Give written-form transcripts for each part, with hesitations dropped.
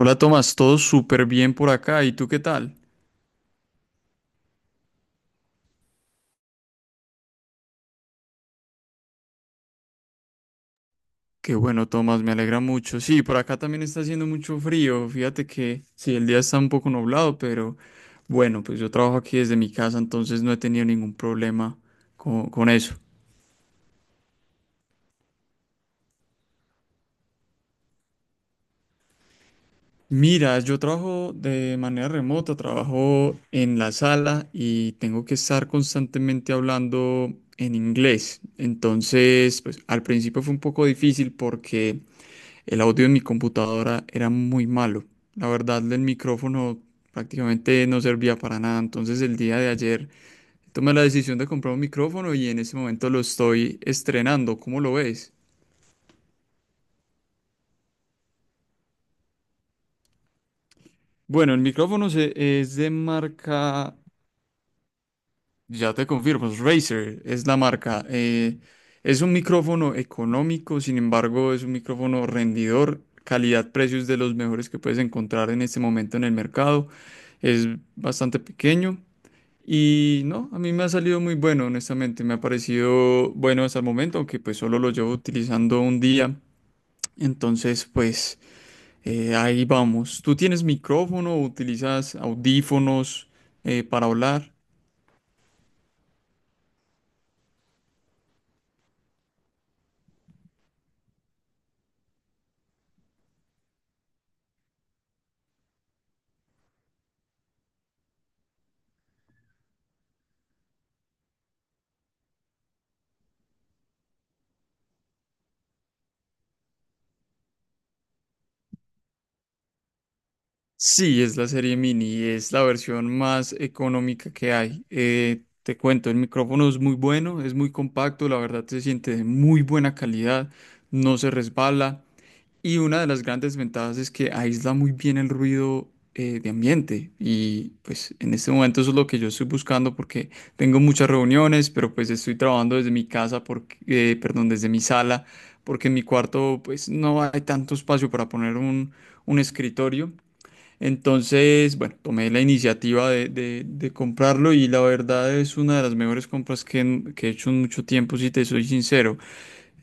Hola Tomás, todo súper bien por acá. ¿Y tú qué tal? Qué bueno, Tomás, me alegra mucho. Sí, por acá también está haciendo mucho frío. Fíjate que sí, el día está un poco nublado, pero bueno, pues yo trabajo aquí desde mi casa, entonces no he tenido ningún problema con eso. Mira, yo trabajo de manera remota, trabajo en la sala y tengo que estar constantemente hablando en inglés. Entonces, pues al principio fue un poco difícil porque el audio en mi computadora era muy malo. La verdad, el micrófono prácticamente no servía para nada. Entonces, el día de ayer tomé la decisión de comprar un micrófono y en ese momento lo estoy estrenando. ¿Cómo lo ves? Bueno, el micrófono es de marca, ya te confirmo, es Razer, es la marca. Es un micrófono económico, sin embargo, es un micrófono rendidor. Calidad-precios de los mejores que puedes encontrar en este momento en el mercado. Es bastante pequeño. Y no, a mí me ha salido muy bueno, honestamente. Me ha parecido bueno hasta el momento, aunque pues solo lo llevo utilizando un día. Entonces, pues ahí vamos. ¿Tú tienes micrófono o utilizas audífonos para hablar? Sí, es la serie mini, es la versión más económica que hay. Te cuento, el micrófono es muy bueno, es muy compacto, la verdad se siente de muy buena calidad, no se resbala. Y una de las grandes ventajas es que aísla muy bien el ruido de ambiente. Y pues en este momento eso es lo que yo estoy buscando porque tengo muchas reuniones, pero pues estoy trabajando desde mi casa, porque, perdón, desde mi sala, porque en mi cuarto pues no hay tanto espacio para poner un escritorio. Entonces, bueno, tomé la iniciativa de comprarlo y la verdad es una de las mejores compras que he hecho en mucho tiempo, si te soy sincero.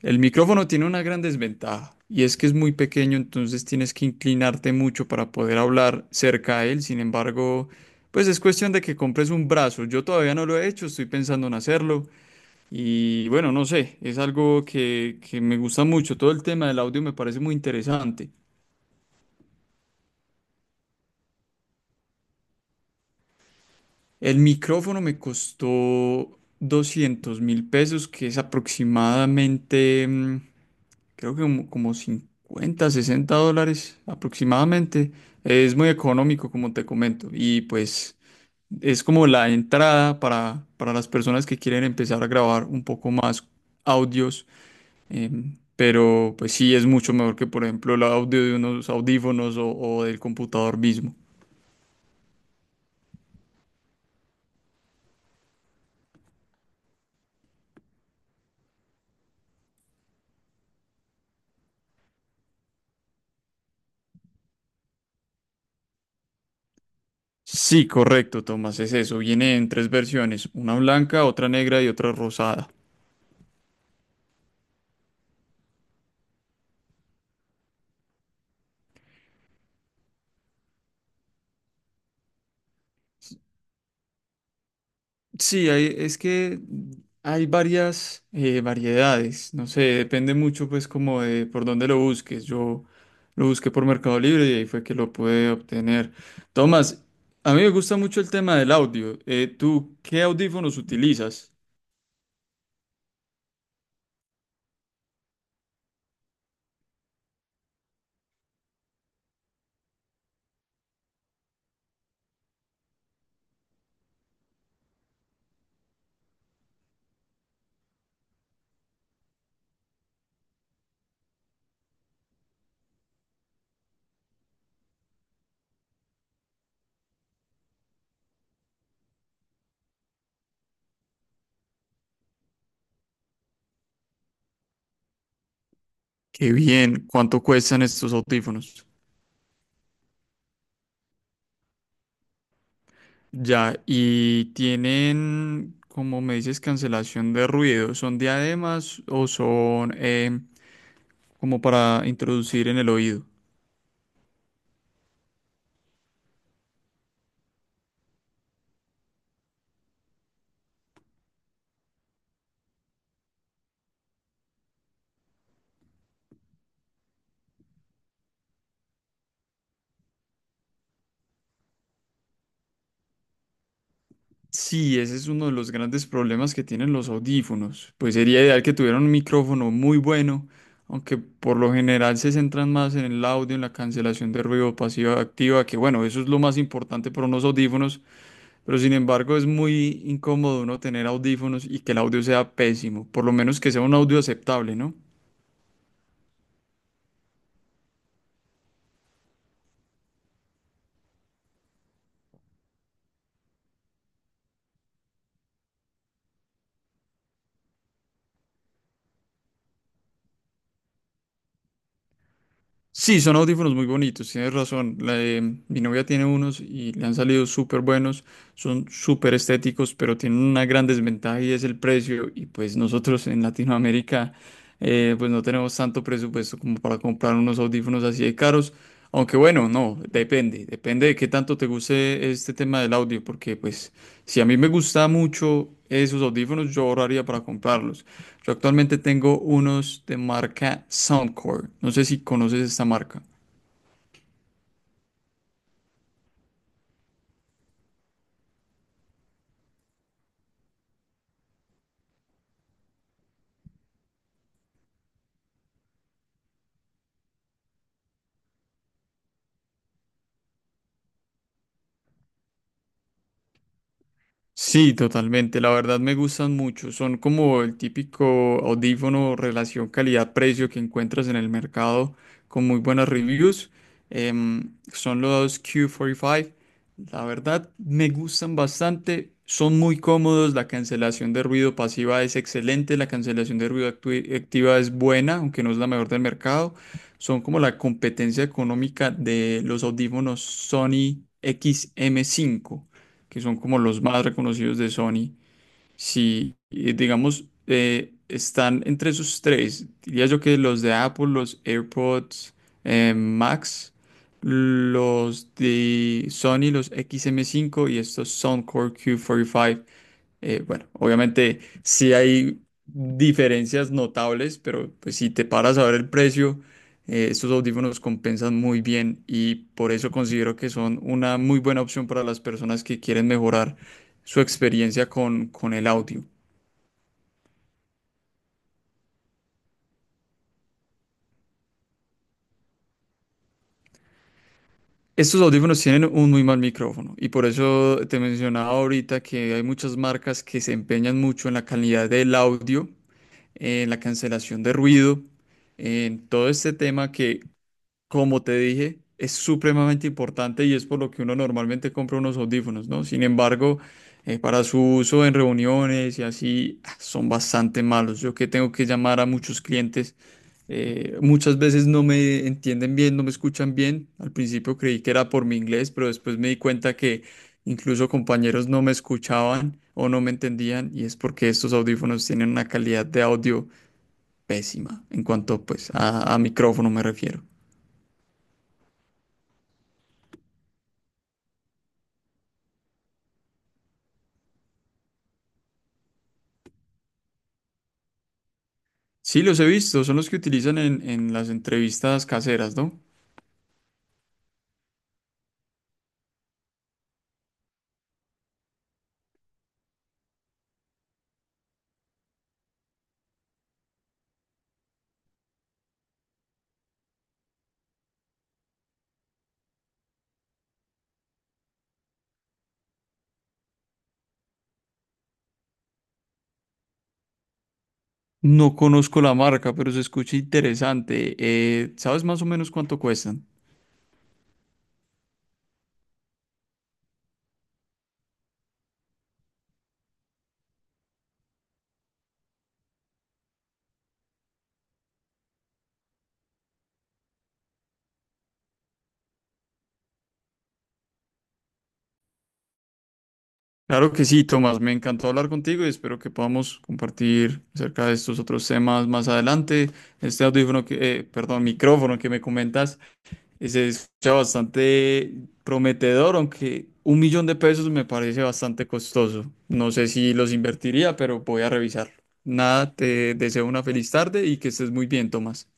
El micrófono tiene una gran desventaja y es que es muy pequeño, entonces tienes que inclinarte mucho para poder hablar cerca a él. Sin embargo, pues es cuestión de que compres un brazo. Yo todavía no lo he hecho, estoy pensando en hacerlo y bueno, no sé, es algo que me gusta mucho. Todo el tema del audio me parece muy interesante. El micrófono me costó 200.000 pesos, que es aproximadamente, creo que como 50, 60 dólares aproximadamente. Es muy económico, como te comento. Y pues es como la entrada para las personas que quieren empezar a grabar un poco más audios. Pero pues sí, es mucho mejor que, por ejemplo, el audio de unos audífonos o del computador mismo. Sí, correcto, Tomás, es eso. Viene en tres versiones, una blanca, otra negra y otra rosada. Sí, es que hay varias variedades, no sé, depende mucho pues como de por dónde lo busques. Yo lo busqué por Mercado Libre y ahí fue que lo pude obtener. Tomás, a mí me gusta mucho el tema del audio. ¿Tú qué audífonos utilizas? Qué bien, ¿cuánto cuestan estos audífonos? Ya, y tienen, como me dices, cancelación de ruido. ¿Son diademas o son como para introducir en el oído? Sí, ese es uno de los grandes problemas que tienen los audífonos. Pues sería ideal que tuvieran un micrófono muy bueno, aunque por lo general se centran más en el audio, en la cancelación de ruido pasiva activa, que bueno, eso es lo más importante para unos audífonos, pero sin embargo es muy incómodo uno tener audífonos y que el audio sea pésimo, por lo menos que sea un audio aceptable, ¿no? Sí, son audífonos muy bonitos, tienes razón. Mi novia tiene unos y le han salido súper buenos, son súper estéticos, pero tienen una gran desventaja y es el precio. Y pues nosotros en Latinoamérica pues no tenemos tanto presupuesto como para comprar unos audífonos así de caros. Aunque bueno, no, depende, depende de qué tanto te guste este tema del audio, porque pues si a mí me gusta mucho esos audífonos, yo ahorraría para comprarlos. Yo actualmente tengo unos de marca Soundcore. No sé si conoces esta marca. Sí, totalmente. La verdad me gustan mucho. Son como el típico audífono relación calidad-precio que encuentras en el mercado con muy buenas reviews. Son los Q45. La verdad me gustan bastante. Son muy cómodos. La cancelación de ruido pasiva es excelente. La cancelación de ruido activa es buena, aunque no es la mejor del mercado. Son como la competencia económica de los audífonos Sony XM5 que son como los más reconocidos de Sony, si, digamos, están entre esos tres, diría yo que los de Apple, los AirPods Max, los de Sony, los XM5 y estos Soundcore Q45, bueno, obviamente sí hay diferencias notables, pero pues si te paras a ver el precio, estos audífonos compensan muy bien y por eso considero que son una muy buena opción para las personas que quieren mejorar su experiencia con el audio. Estos audífonos tienen un muy mal micrófono y por eso te mencionaba ahorita que hay muchas marcas que se empeñan mucho en la calidad del audio, en la cancelación de ruido en todo este tema que como te dije, es supremamente importante y es por lo que uno normalmente compra unos audífonos, ¿no? Sin embargo, para su uso en reuniones y así, ah, son bastante malos. Yo que tengo que llamar a muchos clientes, muchas veces no me entienden bien, no me escuchan bien. Al principio creí que era por mi inglés, pero después me di cuenta que incluso compañeros no me escuchaban o no me entendían y es porque estos audífonos tienen una calidad de audio pésima en cuanto pues a micrófono me refiero. Sí, los he visto, son los que utilizan en las entrevistas caseras, ¿no? No conozco la marca, pero se escucha interesante. ¿Sabes más o menos cuánto cuestan? Claro que sí, Tomás, me encantó hablar contigo y espero que podamos compartir acerca de estos otros temas más adelante. Este audífono que, perdón, micrófono que me comentas y se escucha bastante prometedor, aunque 1 millón de pesos me parece bastante costoso. No sé si los invertiría, pero voy a revisarlo. Nada, te deseo una feliz tarde y que estés muy bien, Tomás.